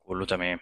كله تمام.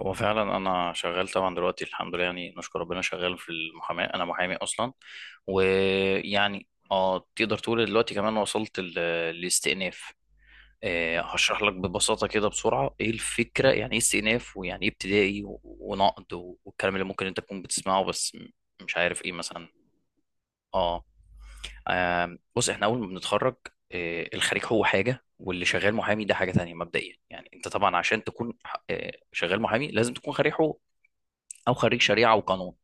هو فعلا انا شغال طبعا دلوقتي، الحمد لله، يعني نشكر ربنا، شغال في المحاماه، انا محامي اصلا. ويعني تقدر تقول دلوقتي كمان وصلت للاستئناف. هشرح لك ببساطه كده بسرعه ايه الفكره، يعني ايه استئناف، ويعني ايه ابتدائي ونقض والكلام اللي ممكن انت تكون بتسمعه، بس مش عارف ايه مثلا. اه. بص احنا اول ما بنتخرج، الخريج هو حاجه، واللي شغال محامي ده حاجه تانية. مبدئيا يعني انت طبعا عشان تكون شغال محامي لازم تكون خريج حقوق، او خريج شريعه وقانون.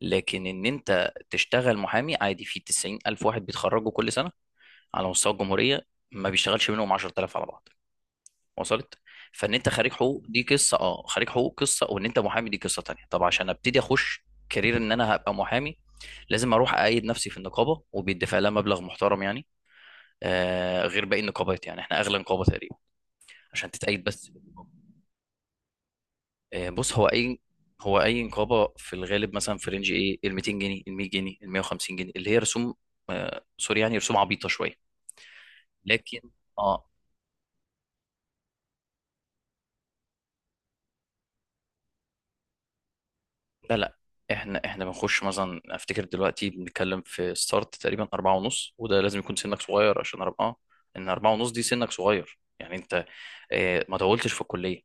لكن ان انت تشتغل محامي عادي، في 90 الف واحد بيتخرجوا كل سنه على مستوى الجمهوريه، ما بيشتغلش منهم 10,000 على بعض. وصلت؟ فان انت خريج حقوق دي قصه، اه، خريج حقوق قصه، وان انت محامي دي قصه تانية. طب عشان ابتدي اخش كارير ان انا هبقى محامي، لازم اروح اقيد نفسي في النقابه، وبيدفع لها مبلغ محترم يعني. غير باقي النقابات، يعني احنا اغلى نقابه تقريبا، عشان تتقيد بس. بص، هو اي نقابه في الغالب مثلا في رينج ايه، ال 200 جنيه، ال 100 جنيه، ال 150 جنيه، اللي هي رسوم، سوري، يعني رسوم عبيطه شويه. لكن اه، لا، لا، احنا بنخش مثلا، افتكر دلوقتي بنتكلم في ستارت تقريبا أربعة ونص. وده لازم يكون سنك صغير، عشان أربعة، ان أربعة ونص دي سنك صغير يعني. انت ما طولتش في الكليه.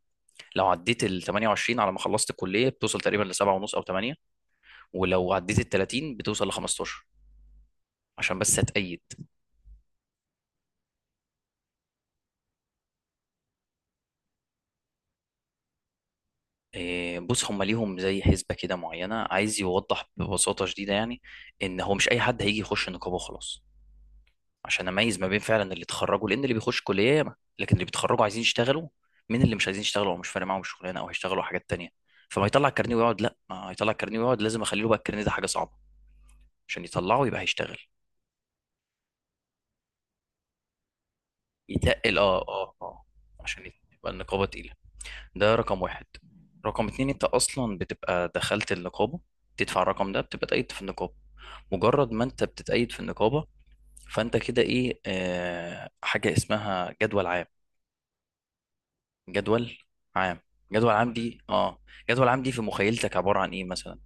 لو عديت ال 28 على ما خلصت الكليه، بتوصل تقريبا ل 7 ونص او 8. ولو عديت ال 30، بتوصل ل 15، عشان بس هتأيد. إيه، بص هم ليهم زي حسبة كده معينة، عايز يوضح ببساطة شديدة يعني، إن هو مش أي حد هيجي يخش نقابة وخلاص. عشان أميز ما بين فعلا اللي اتخرجوا، لأن اللي بيخش كلية ياما، لكن اللي بيتخرجوا عايزين يشتغلوا من اللي مش عايزين يشتغلوا، أو مش فارق معاهم الشغلانة، أو هيشتغلوا حاجات تانية. فما يطلع الكارنيه ويقعد، لا، ما يطلع الكارنيه ويقعد، لازم أخلي له بقى الكارنيه ده حاجة صعبة، عشان يطلعه يبقى هيشتغل. يتقل. أه، أه، أه. عشان يبقى النقابة تقيلة. ده رقم واحد. رقم اتنين، أنت أصلا بتبقى دخلت النقابة، تدفع الرقم ده بتبقى تقيد في النقابة. مجرد ما انت بتتأيد في النقابة، فانت كده ايه، حاجة اسمها جدول عام. جدول عام. جدول عام دي، جدول عام دي في مخيلتك عبارة عن ايه مثلا؟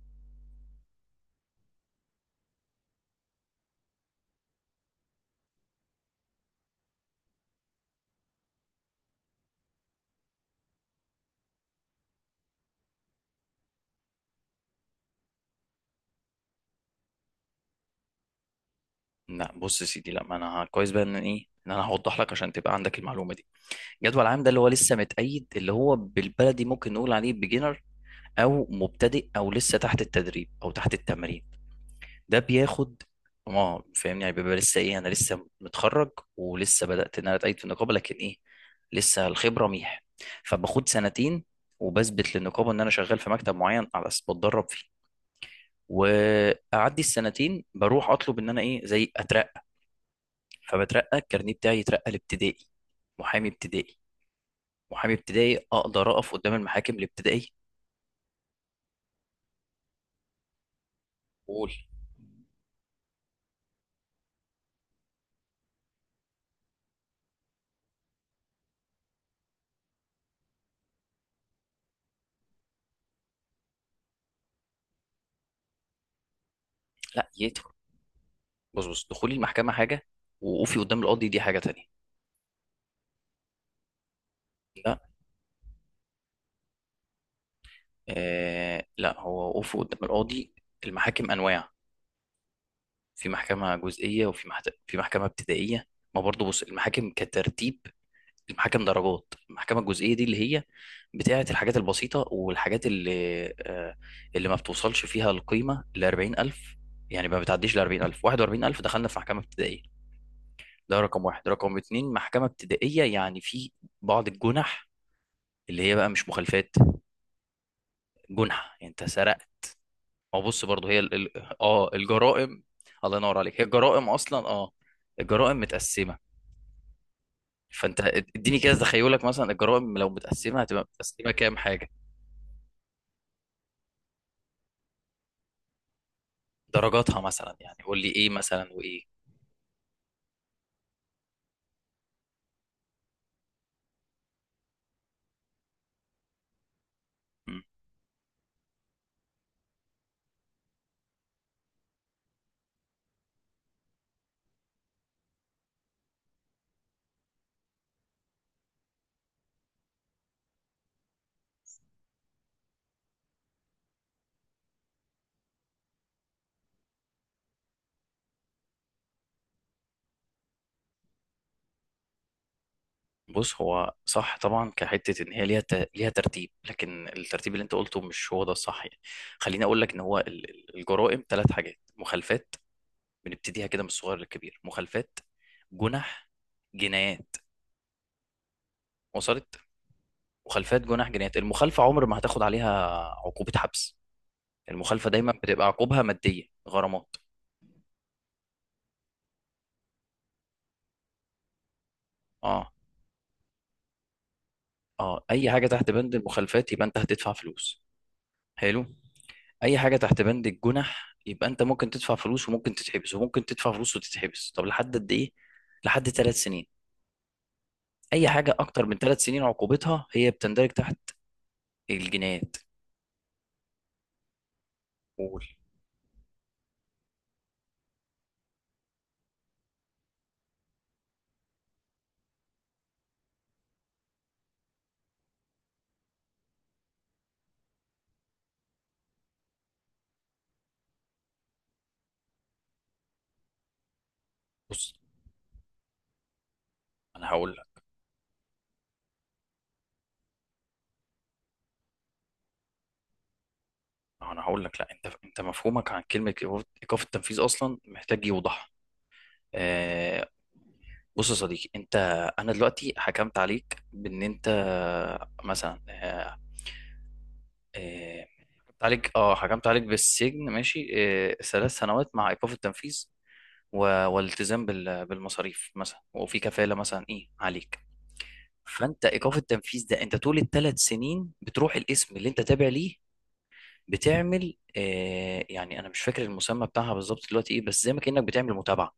لا، بص يا سيدي، لا، ما انا كويس بقى ان انا هوضح لك عشان تبقى عندك المعلومة دي. جدول عام ده اللي هو لسه متأيد، اللي هو بالبلدي ممكن نقول عليه بيجنر، او مبتدئ، او لسه تحت التدريب، او تحت التمرين. ده بياخد. اه، فاهمني يعني، بيبقى لسه ايه، انا لسه متخرج، ولسه بدأت ان انا اتأيد في النقابة، لكن ايه، لسه الخبرة ميح، فباخد سنتين، وبثبت للنقابة ان انا شغال في مكتب معين، على اساس بتدرب فيه. واعدي السنتين، بروح اطلب ان انا ايه، زي اترقى. فبترقى الكارنيه بتاعي، يترقى لابتدائي. محامي ابتدائي. محامي ابتدائي اقدر اقف قدام المحاكم الابتدائية. واقول، لا يدخل. بص بص، دخولي المحكمة حاجة، ووقوفي قدام القاضي دي حاجة تانية. لا، لا، هو وقوفه قدام القاضي. المحاكم انواع. في محكمه جزئيه، وفي في محكمه ابتدائيه. ما برضه بص، المحاكم كترتيب، المحاكم درجات. المحكمه الجزئيه دي اللي هي بتاعه الحاجات البسيطه، والحاجات اللي اللي ما بتوصلش فيها القيمه ل 40,000. يعني ما بتعديش ل 40,000، 41,000 دخلنا في محكمه ابتدائيه. ده رقم واحد. رقم اتنين، محكمه ابتدائيه يعني في بعض الجنح، اللي هي بقى مش مخالفات، جنح، يعني انت سرقت. هو بص، برضه هي الجرائم. الله ينور عليك، هي الجرائم اصلا، اه، الجرائم متقسمه. فانت اديني كده تخيلك مثلا، الجرائم لو متقسمه، هتبقى متقسمه كام حاجه؟ درجاتها مثلا يعني، قول لي ايه مثلا، وايه. مم. بص، هو صح طبعا كحته ان هي ليها ليها ترتيب، لكن الترتيب اللي انت قلته مش هو ده الصح يعني. خليني اقول لك ان هو الجرائم ثلاث حاجات. مخالفات، بنبتديها كده من الصغير للكبير. مخالفات، جنح، جنايات. وصلت؟ مخالفات، جناح، جنايات. المخالفة عمر ما هتاخد عليها عقوبة حبس، المخالفة دايما بتبقى عقوبها مادية، غرامات. اه، اه. اي حاجة تحت بند المخالفات يبقى انت هتدفع فلوس. حلو. اي حاجة تحت بند الجنح يبقى انت ممكن تدفع فلوس، وممكن تتحبس، وممكن تدفع فلوس وتتحبس. طب لحد قد ايه؟ لحد 3 سنين. اي حاجة اكتر من 3 سنين، عقوبتها هي بتندرج تحت الجنايات. قول. بص، انا هقول لك انا هقول لك، لا، انت مفهومك عن كلمة ايقاف التنفيذ اصلا محتاج يوضح. آه، بص يا صديقي، انت، انا دلوقتي حكمت عليك بان انت مثلا آه، حكمت عليك بالسجن ماشي، 3 سنوات مع ايقاف التنفيذ، والالتزام بالمصاريف مثلا، وفي كفالة مثلا ايه عليك. فانت ايقاف التنفيذ ده، انت طول الثلاث سنين بتروح الاسم اللي انت تابع ليه، بتعمل يعني انا مش فاكر المسمى بتاعها بالظبط دلوقتي ايه، بس زي ما كانك بتعمل متابعة.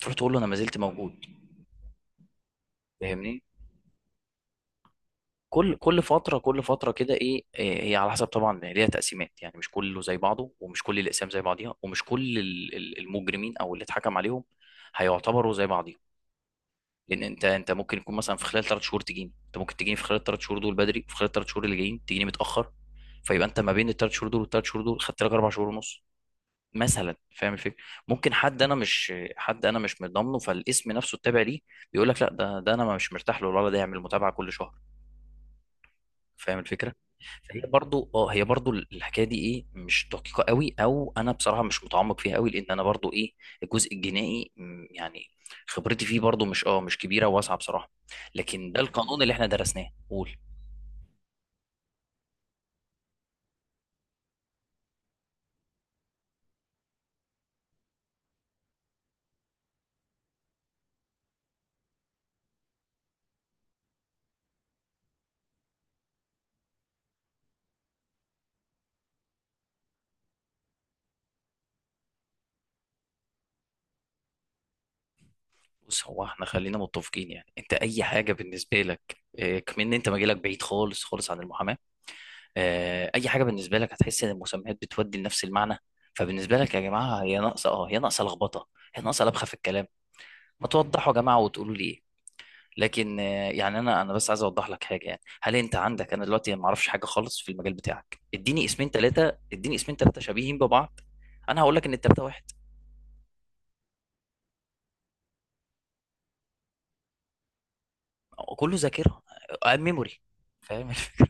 تروح تقول له انا ما زلت موجود. فاهمني؟ كل فتره، كل فتره كده، ايه، إيه، هي على حسب طبعا ليها تقسيمات. يعني مش كله زي بعضه، ومش كل الاقسام زي بعضيها، ومش كل المجرمين او اللي اتحكم عليهم هيعتبروا زي بعضيهم. لان انت ممكن يكون مثلا، في خلال 3 شهور تجيني، انت ممكن تجيني في خلال ال 3 شهور دول بدري، في خلال الثلاث شهور اللي جايين تجيني متاخر. فيبقى انت ما بين الثلاث شهور دول والثلاث شهور دول، خدت لك 4 شهور ونص مثلا، فاهم الفكره؟ ممكن حد، انا مش حد، انا مش مضامنه فالاسم نفسه التابع ليه، بيقول لك لا، ده انا مش مرتاح له، ولا ده يعمل متابعه كل شهر. فاهم الفكره. فهي برضو اه هي برضو الحكايه دي، ايه، مش دقيقه قوي، او انا بصراحه مش متعمق فيها قوي، لان انا برضو ايه، الجزء الجنائي يعني خبرتي فيه برضو، مش، اه، مش كبيره وواسعه بصراحه. لكن ده القانون اللي احنا درسناه. قول. بص، هو احنا خلينا متفقين، يعني انت اي حاجه بالنسبه لك، كمان انت مجالك بعيد خالص خالص عن المحاماه. اي حاجه بالنسبه لك هتحس ان المسميات بتودي لنفس المعنى. فبالنسبه لك يا جماعه، هي ناقصه لخبطه، هي ناقصه لبخه في الكلام. ما توضحوا يا جماعه وتقولوا لي إيه. لكن يعني انا بس عايز اوضح لك حاجه، يعني هل انت عندك، انا دلوقتي ما اعرفش حاجه خالص في المجال بتاعك، اديني اسمين ثلاثه، اديني اسمين ثلاثه شبيهين ببعض. انا هقول لك ان الثلاثه واحد. كله ذاكره. ميموري. فاهم الفكره؟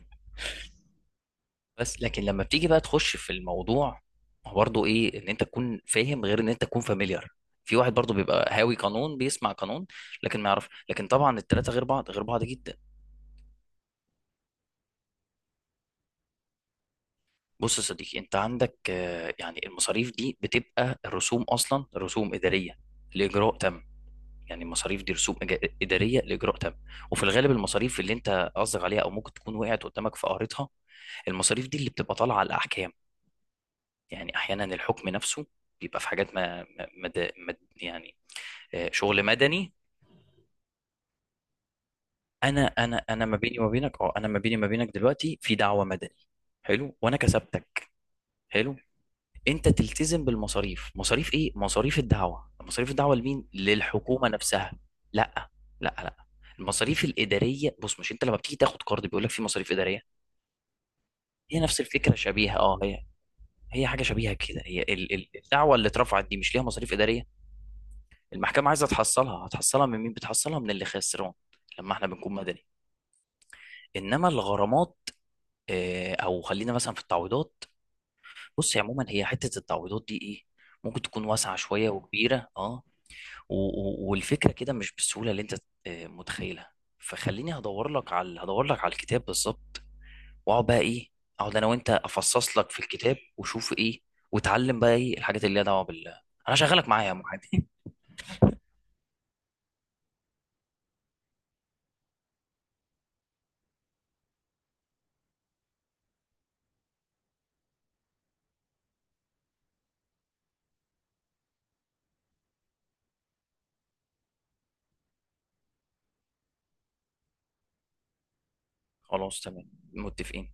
بس لكن لما بتيجي بقى تخش في الموضوع، هو برضه ايه، ان انت تكون فاهم غير ان انت تكون فاميليار. في واحد برضه بيبقى هاوي قانون، بيسمع قانون لكن ما يعرف. لكن طبعا الثلاثه غير بعض، غير بعض جدا. بص يا صديقي، انت عندك يعني المصاريف دي بتبقى الرسوم اصلا، رسوم اداريه لاجراء تم. يعني المصاريف دي رسوم اداريه لاجراء تم. وفي الغالب المصاريف اللي انت قصدك عليها، او ممكن تكون وقعت قدامك في قارتها. المصاريف دي اللي بتبقى طالعه على الاحكام. يعني احيانا الحكم نفسه بيبقى في حاجات ما, ما, مد- مد- يعني. شغل مدني. انا ما بيني وما بينك دلوقتي في دعوه مدني. حلو. وانا كسبتك. حلو. انت تلتزم بالمصاريف. مصاريف ايه؟ مصاريف الدعوه. مصاريف الدعوه لمين؟ للحكومه نفسها. لا، لا، لا، المصاريف الاداريه. بص، مش انت لما بتيجي تاخد قرض بيقول لك في مصاريف اداريه؟ هي نفس الفكره شبيهه، اه، هي حاجه شبيهه كده. هي الدعوه اللي اترفعت دي مش ليها مصاريف اداريه. المحكمه عايزه تحصلها، هتحصلها من مين؟ بتحصلها من اللي خسران لما احنا بنكون مدني. انما الغرامات، او خلينا مثلا في التعويضات. بص هي عموما، هي حته التعويضات دي، ايه، ممكن تكون واسعه شويه وكبيره، اه. والفكره كده مش بالسهوله اللي انت متخيلها. فخليني هدور لك على الكتاب بالظبط. واقعد بقى ايه اقعد انا وانت افصص لك في الكتاب وشوف ايه. وتعلم بقى ايه الحاجات اللي ليها دعوه بال. انا شغالك معايا يا محمد. خلاص تمام متفقين.